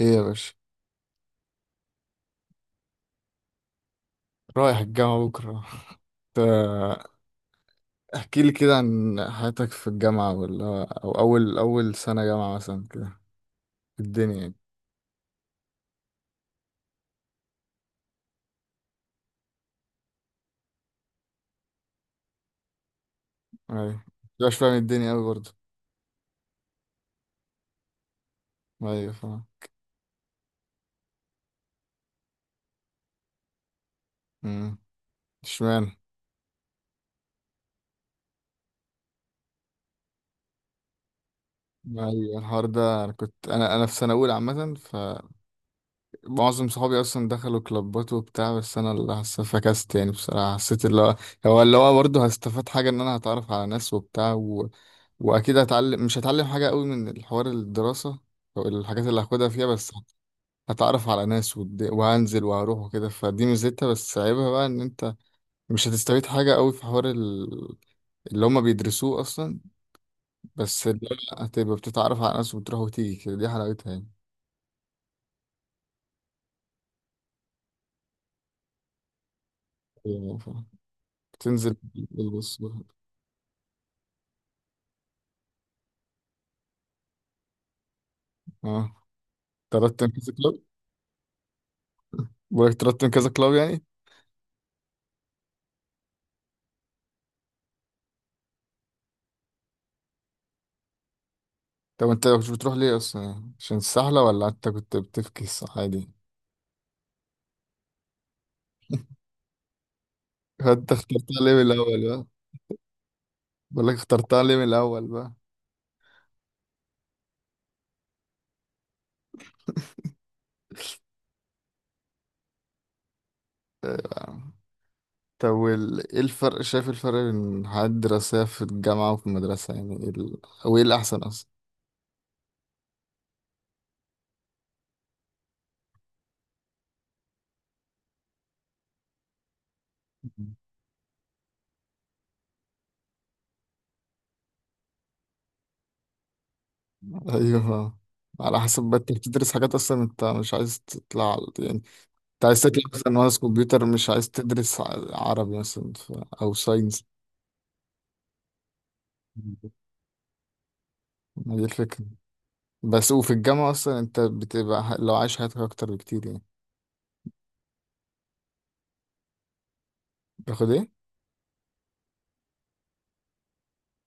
ايه يا باشا. رايح الجامعة بكرة. تا- احكي لي كده عن حياتك في الجامعة، ولا او اول اول سنة جامعة مثلا كده، في الدنيا يعني. ايوه. مش فاهم الدنيا اوي برضه. ايوه فاهم. امم اشمعنى. ايوه الحوار ده، انا كنت، انا في سنة اولى عامة، معظم صحابي اصلا دخلوا كلابات وبتاع، بس انا اللي فكست يعني بصراحه. حسيت اللي هو، هو اللي هو برضه هستفاد حاجه، ان انا هتعرف على ناس وبتاع و... واكيد هتعلم، مش هتعلم حاجه قوي من الحوار الدراسه، او الحاجات اللي هاخدها فيها، بس هتعرف على ناس وهنزل وهروح وكده، فدي ميزتها. بس عيبها بقى ان انت مش هتستفيد حاجه قوي في حوار اللي هما بيدرسوه اصلا. بس اللي هو هتبقى بتتعرف على ناس وبتروح وتيجي كده، دي حلاوتها يعني. يعني ف- بتنزل، تلبس. اه. ترتب كذا كلاب. بقولك ترتب كذا كلاب يعني. طب انت كنت بتروح ليه اصلا؟ يعني عشان السحلة ولا انت كنت بتفكس عادي؟ انت اخترتها ليه من الاول بقى؟ بقولك اخترتها ليه من الاول بقى؟ آه، طب ايه الفرق؟ شايف الفرق بين الحياة الدراسية في الجامعة وفي المدرسة؟ يعني ايه او ايه الأحسن أصلا؟ أيوه. على حسب بقى، انت بتدرس حاجات أصلا انت مش عايز يعني انت عايز تطلع مثلا مهندس كمبيوتر، مش عايز تدرس عربي مثلا، أو ساينس. ما دي الفكرة. بس وفي الجامعة أصلا أنت بتبقى لو عايش حياتك أكتر بكتير يعني. تاخد إيه؟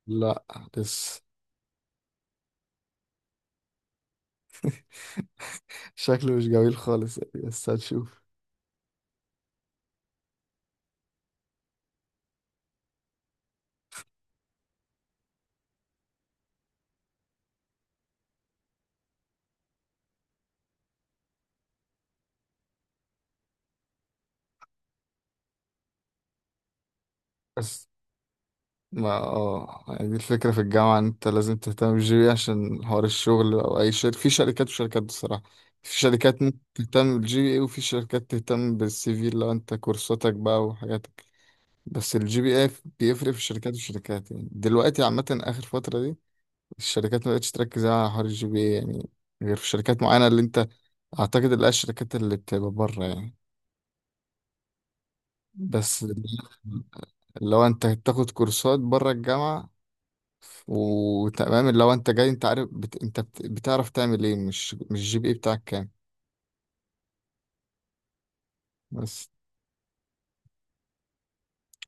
لا لسه. شكله مش جميل خالص يعني، بس هنشوف. بس ما اه، يعني دي الفكرة في الجامعة، إن أنت لازم تهتم بالجي بي عشان حوار الشغل أو أي شركة. في شركات وشركات بصراحة. في شركات ممكن تهتم بالجي بي اي، وفي شركات تهتم بالسي في لو أنت كورساتك بقى وحاجاتك. بس الجي بي اي بيفرق في الشركات وشركات يعني. دلوقتي عامة آخر فترة دي الشركات ما بقتش تركز على حوار الجي بي اي يعني، غير في شركات معينة اللي انت اعتقد اللي هي الشركات اللي بتبقى بره يعني. بس اللي هو انت بتاخد كورسات بره الجامعة وتمام، اللي هو انت جاي انت عارف بتعرف تعمل ايه، مش الجي بي اي بتاعك كام. بس.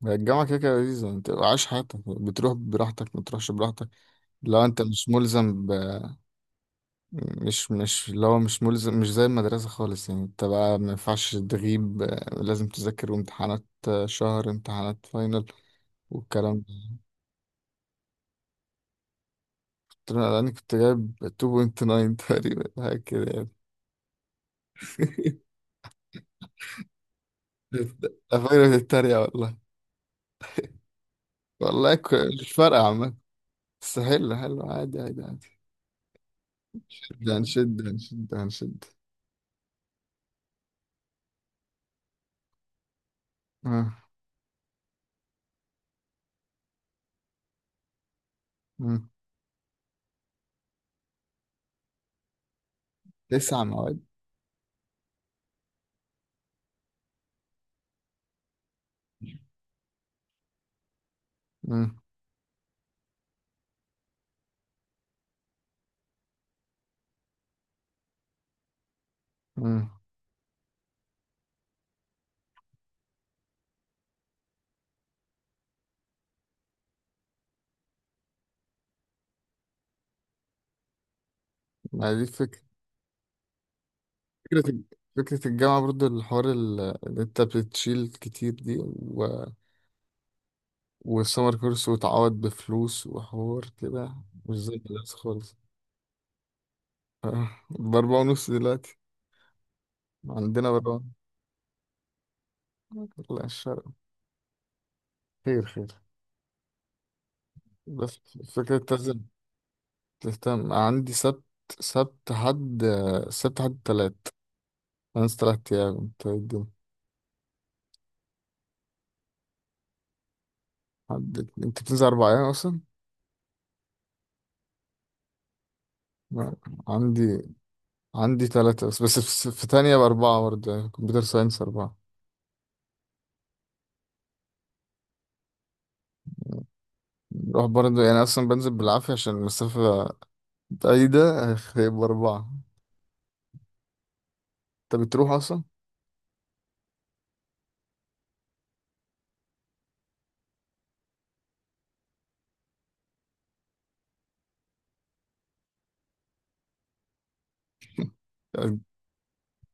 الجامعة كده كده لذيذة، انت عايش حياتك، بتروح براحتك ما تروحش براحتك لو انت مش ملزم. مش مش اللي هو مش ملزم، مش زي المدرسة خالص يعني. انت بقى ما ينفعش تغيب، لازم تذاكر، وامتحانات، شهر امتحانات فاينل والكلام ده. قلت له انا، كنت جايب 2.9 تقريبا حاجة كده يعني. أخويا بتتريق والله. والله مش فارقة عامة. بس حلو حلو عادي عادي عادي. ده هنشد. آه، آه. تسع مواد. آه، آه. ما دي الفكرة. فكرة الج- فكرة الجامعة برضو، الحوار اللي انت بتشيل كتير دي و... والسمر كورس، وتعوض بفلوس وحوار كده، مش زي الناس خالص. بأربعة ونص دلوقتي، عندنا بأربعة. لا الشرق. خير خير. بس فكرة تلزم تهتم. عندي سبت، سبت حد سبت حد تلات. أنا تلات أيام. انت إيه الدنيا؟ حد. انت بتنزل أربع أيام أصلا؟ لا، عندي، تلاتة بس. بس في في تانية بأربعة برضه، يعني كمبيوتر ساينس أربعة. بروح برضه يعني، أصلا بنزل بالعافية عشان المسافة بعيدة. هيبقى أربعة. أنت بتروح أصلا؟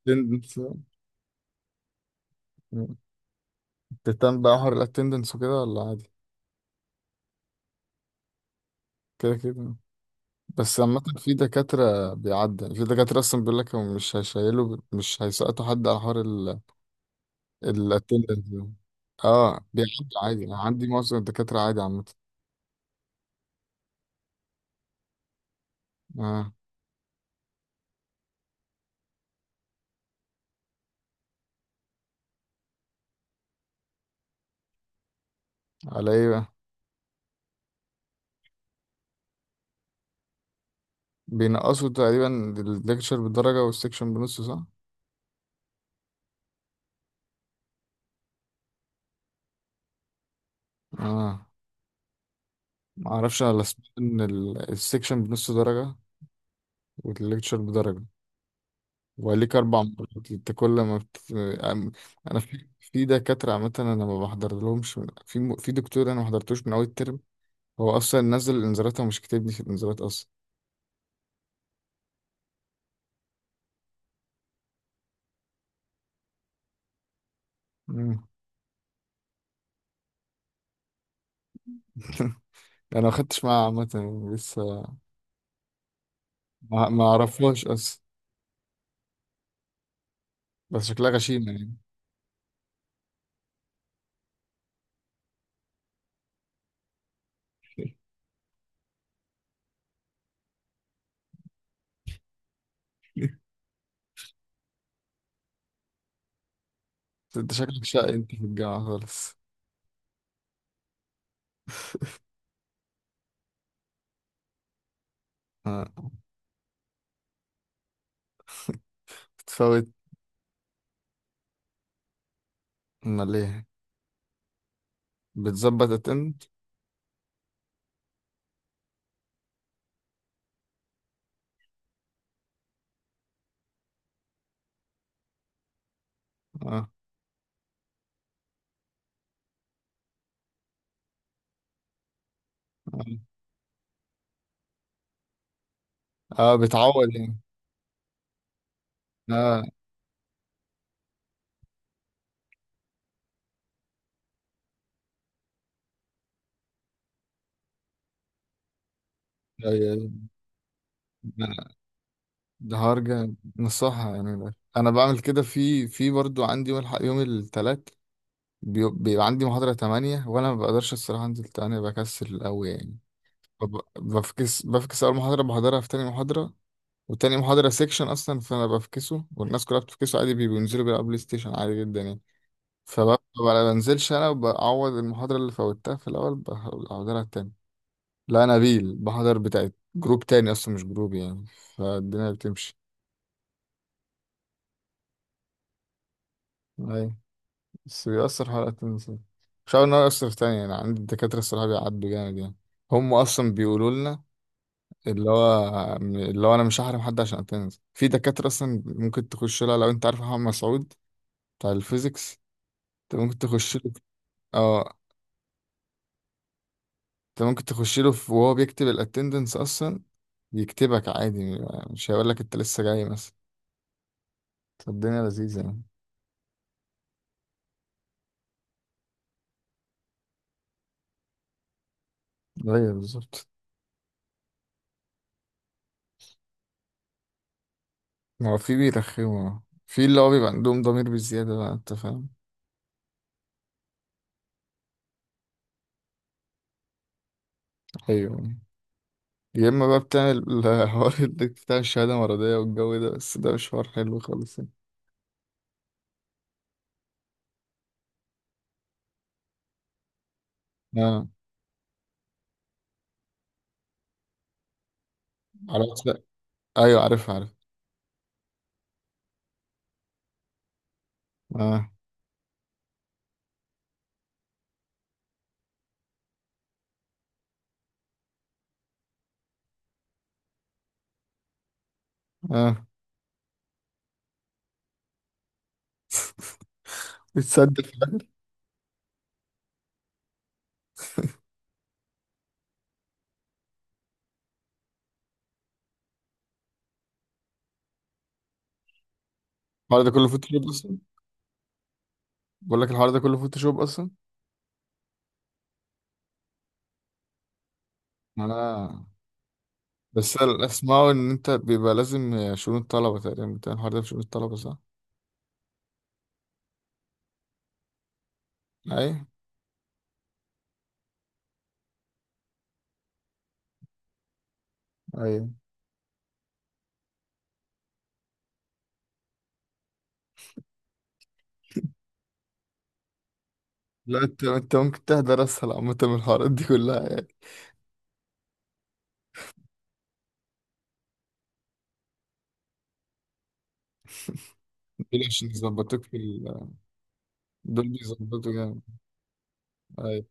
الاتندنس تهتم بقى حوار الاتندنس وكده، ولا عادي؟ كده كده. بس عامة في دكاترة بيعدي يعني. في دكاترة أصلا بيقول لك هم مش هيشيلوا، مش هيسقطوا حد على حوار الاتندنس ده. اه بيعدي. عادي. أنا عندي معظم الدكاترة عادي عامة. اه. على ايه بقى؟ بينقصوا تقريبا الليكتشر بالدرجة والسكشن بنص، صح؟ اه. ما اعرفش انا، لا سمعت ان السكشن بنص درجه، والليكتشر بدرجه، وليك اربع مرات انت كل ما أم- انا في في دكاتره عامه انا ما بحضر لهمش. في في دكتور انا ما حضرتوش من اول الترم. هو اصلا نزل الانذارات ومش كاتبني في الانذارات اصلا. مم. انا ما خدتش معاه عامه يعني لسه. ما اعرفهاش اصلا بس شكلها غشيمه يعني. انت شكلك شقي انت في الجامعه خالص. آه. بتفوت. امال ليه؟ بتظبط اتند. اه. اه بتعوض يعني. اه. أيوة، أيوة. ده حوار جامد نصحها يعني ده. انا بعمل كده، في برضو عندي يوم يوم التلات بيبقى عندي محاضرة تمانية، وانا ما بقدرش الصراحة انزل تمانية، بكسل قوي يعني. بفكس اول محاضرة، بحضرها في تاني محاضرة. وتاني محاضرة سيكشن اصلا، فانا بفكسه، والناس كلها بتفكسه عادي. بينزلوا بيلعبوا بلاي ستيشن عادي جدا يعني. فببقى ما بنزلش انا، وبعوض المحاضرة اللي فوتها في الاول، بحضرها تاني. لا نبيل، بحضر بتاعت جروب تاني اصلا، مش جروب يعني. فالدنيا بتمشي. أيوة. بس بيأثر حلقة التنسيق، مش عارف إن هو يأثر تاني يعني. عندي الدكاترة الصراحة بيعدوا جامد يعني. هم أصلا بيقولوا لنا اللي هو، أنا مش هحرم حد عشان أتنس. في دكاترة أصلا ممكن تخش لها لو أنت عارف محمد مسعود بتاع الفيزيكس، أنت ممكن تخش له. أه. أنت ممكن تخش له وهو بيكتب الأتندنس أصلا يكتبك عادي، مش هيقول لك أنت لسه جاي مثلا. فالدنيا لذيذة يعني. أيوة بالظبط. ما هو في بيرخموا، في اللي هو بيبقى عندهم ضمير بالزيادة بقى، أنت فاهم. أيوه. يا اما بقى بتعمل الحوار اللي بتاع الشهاده المرضيه والجو ده، بس ده مش حوار حلو خالص يعني. اه. عرفت لا. ايوه عارف عارف. اه. اه. بتصدق في الاخر. الحوار ده كله فوتوشوب اصلا. بقول لك الحوار ده كله فوتوشوب اصلا. اه. بس اللي اسمعه ان انت بيبقى لازم شؤون الطلبه تقريبا بتاع الحوار ده في شؤون الطلبه، صح؟ ايوه. ايوه. لا انت، انت ممكن تحضر اسهل عامه من الحوارات دي كلها يعني. دول عشان يظبطوك في دول بيظبطوا جامد. أيوة.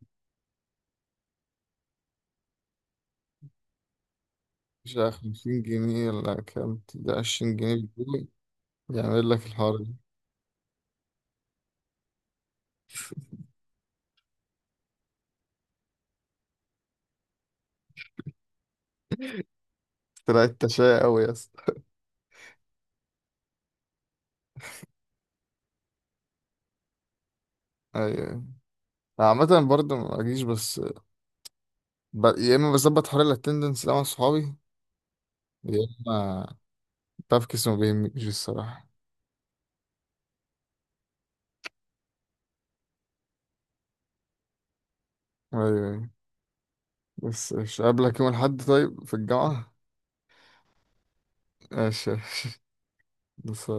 مش عارف 50 جنيه ولا كام، ده 20 جنيه بيقول يعمل لك الحوار ده. طلعت تشاي قوي يا اسطى. ايوه. عامة برضه ما اجيش، بس يا اما بظبط حوار الاتندنس ده مع صحابي، يا اما بفكس، ما بيهمنيش الصراحة. ايوه. أيوة. بس مش قابلك يوم الاحد طيب في الجامعة؟ ماشي ماشي. بس.